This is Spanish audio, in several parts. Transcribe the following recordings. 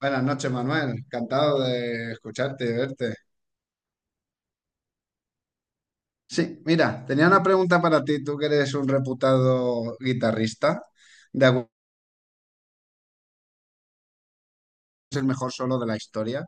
Buenas noches, Manuel. Encantado de escucharte y de verte. Sí, mira, tenía una pregunta para ti, tú que eres un reputado guitarrista, de algún es el mejor solo de la historia,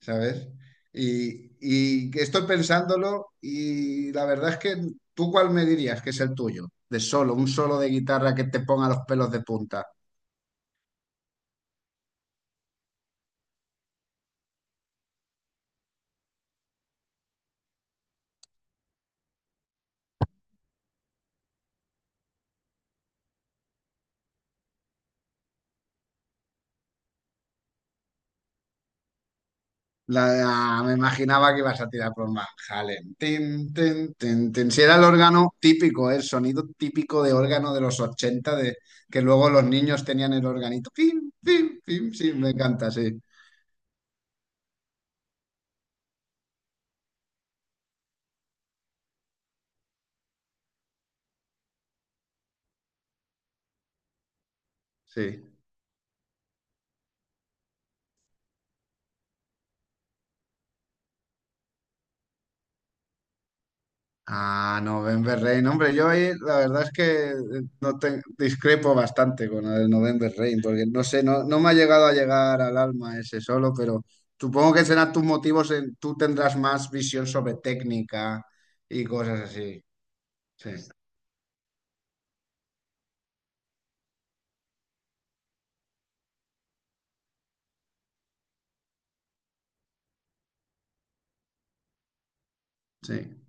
¿sabes? Y que estoy pensándolo y la verdad es que tú cuál me dirías que es el tuyo, de solo, un solo de guitarra que te ponga los pelos de punta. La, ah, me imaginaba que ibas a tirar por Van Halen. Tin, tin, tin, tin. Si era el órgano típico, el sonido típico de órgano de los 80, de, que luego los niños tenían el organito. Pim, pim, pim. Sí, me encanta, sí. Sí. Ah, no, November Rain. Hombre, yo ahí la verdad es que no te- discrepo bastante con el November Rain, porque no sé, no, no me ha llegado a llegar al alma ese solo, pero supongo que serán tus motivos, en- tú tendrás más visión sobre técnica y cosas así. Sí, sí.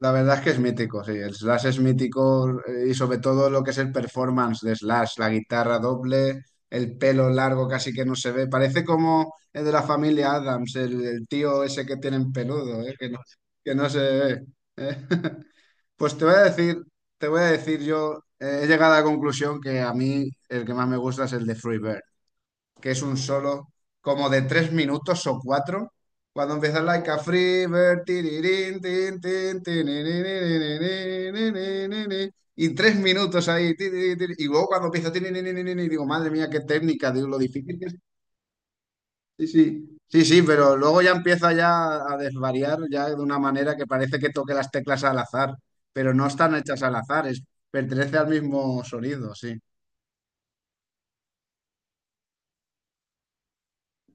La verdad es que es mítico, sí. El Slash es mítico y sobre todo lo que es el performance de Slash, la guitarra doble, el pelo largo casi que no se ve. Parece como el de la familia Adams, el tío ese que tienen peludo, que no se ve. Eh. Pues te voy a decir, te voy a decir yo, he llegado a la conclusión que a mí el que más me gusta es el de Freebird. Que es un solo como de tres minutos o cuatro. Cuando empieza like a free bird, tirirín, tin, tin, tinirininininininini, y tres minutos ahí, tirirí, y luego cuando empieza, y digo, madre mía, qué técnica, digo, lo difícil que es. Sí, sí, sí, sí, pero luego ya empieza ya a desvariar, ya de una manera que parece que toque las teclas al azar, pero no están hechas al azar, es, pertenece al mismo sonido, sí.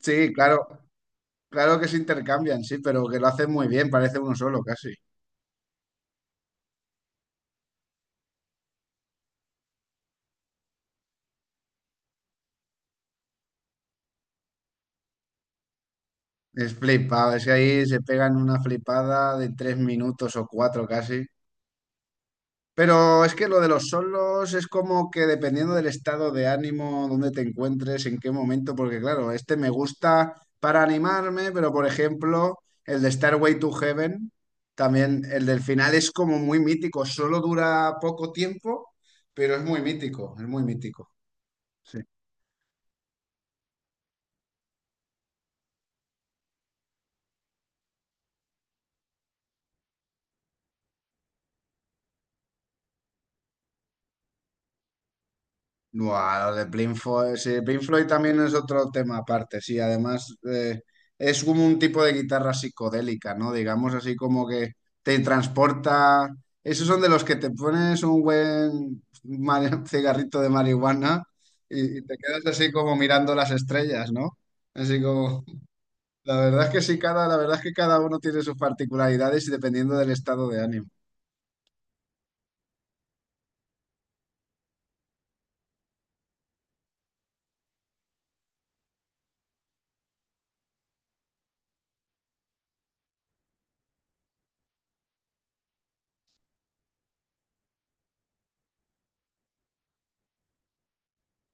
Sí, claro. Claro que se intercambian, sí, pero que lo hacen muy bien, parece uno solo casi. Es flipado, es que ahí se pegan una flipada de tres minutos o cuatro casi. Pero es que lo de los solos es como que dependiendo del estado de ánimo, dónde te encuentres, en qué momento, porque claro, este me gusta para animarme, pero por ejemplo, el de Starway to Heaven, también el del final es como muy mítico, solo dura poco tiempo, pero es muy mítico, es muy mítico. Sí. Buah, lo de Pink Floyd, sí, Pink Floyd también es otro tema aparte, sí, además es como un tipo de guitarra psicodélica, ¿no? Digamos así como que te transporta, esos son de los que te pones un buen mari- cigarrito de marihuana y te quedas así como mirando las estrellas, ¿no? Así como, la verdad es que sí, cada, la verdad es que cada uno tiene sus particularidades y dependiendo del estado de ánimo.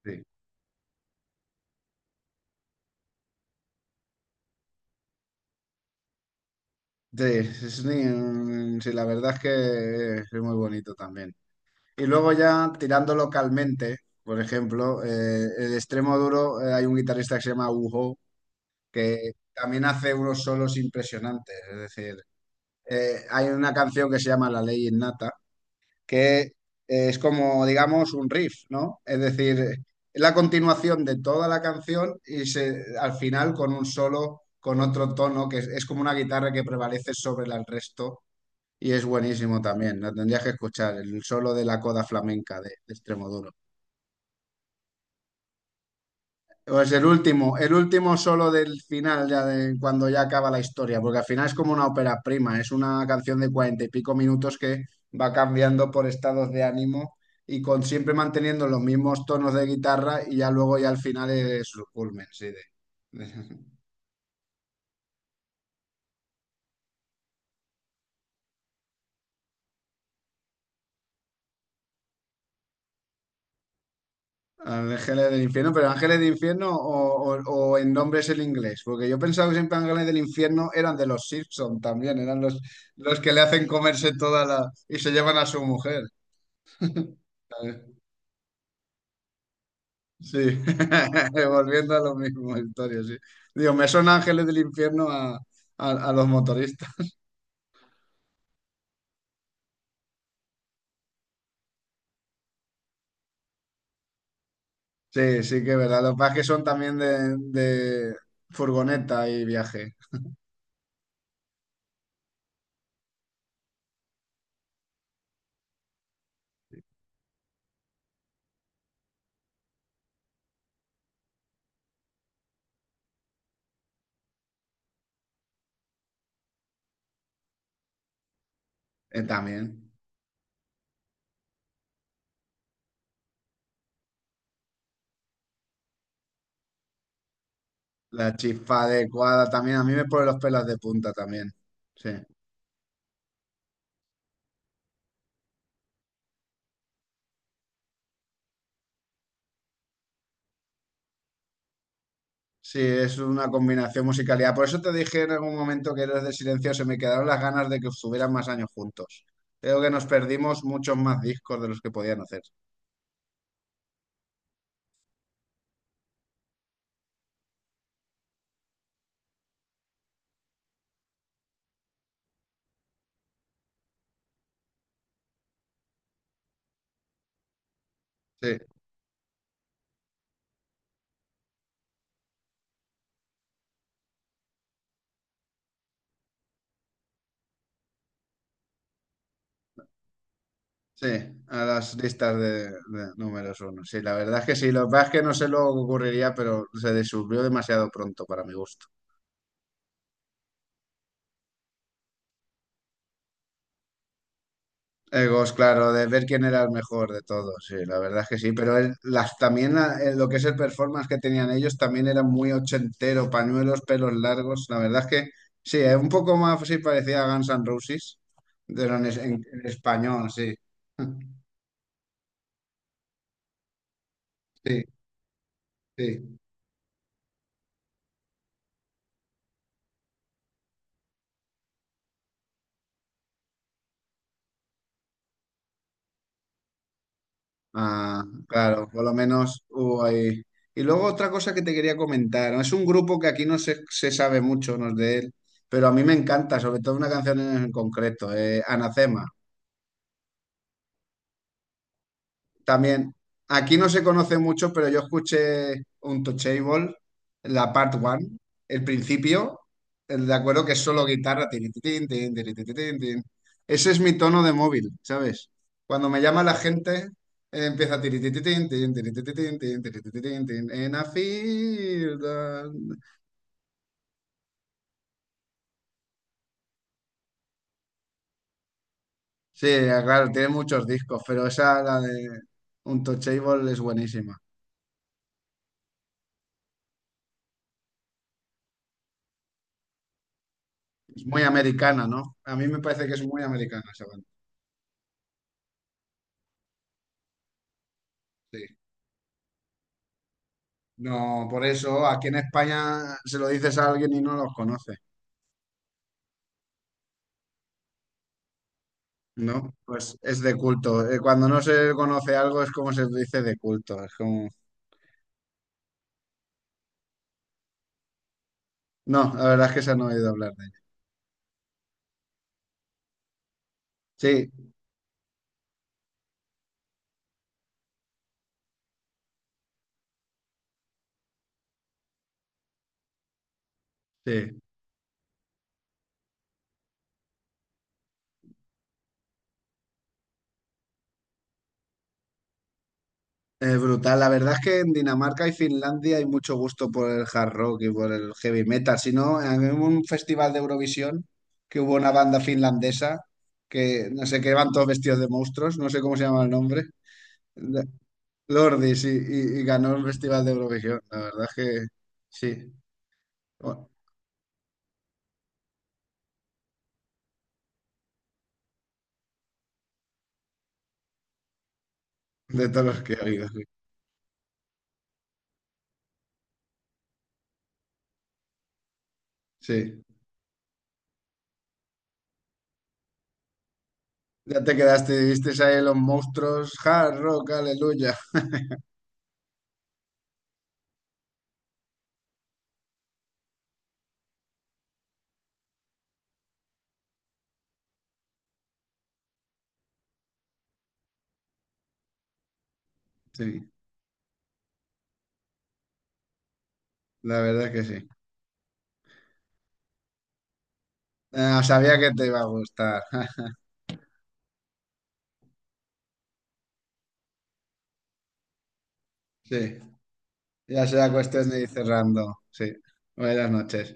Sí, sí, es- sí, mm, sí, la verdad es que es muy bonito también. Y luego ya tirando localmente, por ejemplo, el extremo duro, hay un guitarrista que se llama Ujo, que también hace unos solos impresionantes. Es decir, hay una canción que se llama La Ley Innata, que es como, digamos, un riff, ¿no? Es decir, es la continuación de toda la canción y se, al final con un solo, con otro tono, que es como una guitarra que prevalece sobre la- el resto. Y es buenísimo también, la tendrías que escuchar, el solo de la coda flamenca de Extremoduro. Pues el último solo del final, ya de cuando ya acaba la historia, porque al final es como una ópera prima, es una canción de cuarenta y pico minutos que va cambiando por estados de ánimo y con siempre manteniendo los mismos tonos de guitarra y ya luego ya al final es su culmen, sí, de- Ángeles del Infierno, pero Ángeles del Infierno o en nombre es el inglés, porque yo pensaba que siempre Ángeles del Infierno eran de los Simpson también, eran los que le hacen comerse toda la y se llevan a su mujer. Sí, volviendo a lo mismo, historia, sí. Digo, me son ángeles del infierno a los motoristas. Sí, sí que es verdad. Los que es que son también de furgoneta y viaje. También. La chispa adecuada también. A mí me pone los pelos de punta también. Sí. Sí, es una combinación musicalidad. Por eso te dije en algún momento que eres de silencio, se me quedaron las ganas de que estuvieran más años juntos. Creo que nos perdimos muchos más discos de los que podían hacer. Sí. Sí, a las listas de números uno. Sí, la verdad es que sí, lo que pasa es que no sé lo que ocurriría, pero se descubrió demasiado pronto para mi gusto. Egos, claro, de ver quién era el mejor de todos, sí, la verdad es que sí, pero el- las, también la- lo que es el performance que tenían ellos también era muy ochentero, pañuelos, pelos largos, la verdad es que sí, un poco más sí parecía a Guns N' Roses, pero en, es- en español, sí. Sí, sí. Ah, claro, por lo menos hubo ahí. Y luego otra cosa que te quería comentar, ¿no? Es un grupo que aquí no se, se sabe mucho, no es de él, pero a mí me encanta, sobre todo una canción en concreto, Anacema. También, aquí no se conoce mucho, pero yo escuché un Touchable, la part one, el principio, el de acuerdo que es solo guitarra. Tirititín, tin, tirititín, tin. Tin, tin, tin. Ese es mi tono de móvil, ¿sabes? Cuando me llama la gente, empieza tiritititín, tin, tiritititín, tin, tiritititín, tin, tin, tin, tin, tin, tin, tin, in a field. Ah. Sí, claro, tiene muchos discos, pero esa, la de Untouchable, es buenísima. Es muy americana, ¿no? A mí me parece que es muy americana esa banda. Sí. No, por eso aquí en España se lo dices a alguien y no los conoce, ¿no? Pues es de culto. Cuando no se conoce algo es como se dice de culto. Es como... No, la verdad es que se han oído hablar de ella. Sí, sí. Es brutal. La verdad es que en Dinamarca y Finlandia hay mucho gusto por el hard rock y por el heavy metal. Si no, en un festival de Eurovisión que hubo una banda finlandesa que no sé que van todos vestidos de monstruos, no sé cómo se llama el nombre. Lordi, sí, y ganó el Festival de Eurovisión. La verdad es que sí, bueno, de todos los que he oído, sí. Sí. Ya te quedaste, viste ahí los monstruos, hard rock, aleluya. Sí, la verdad es que sí. Ah, sabía que te iba a gustar. Sí, ya será cuestión de ir cerrando. Sí, buenas noches.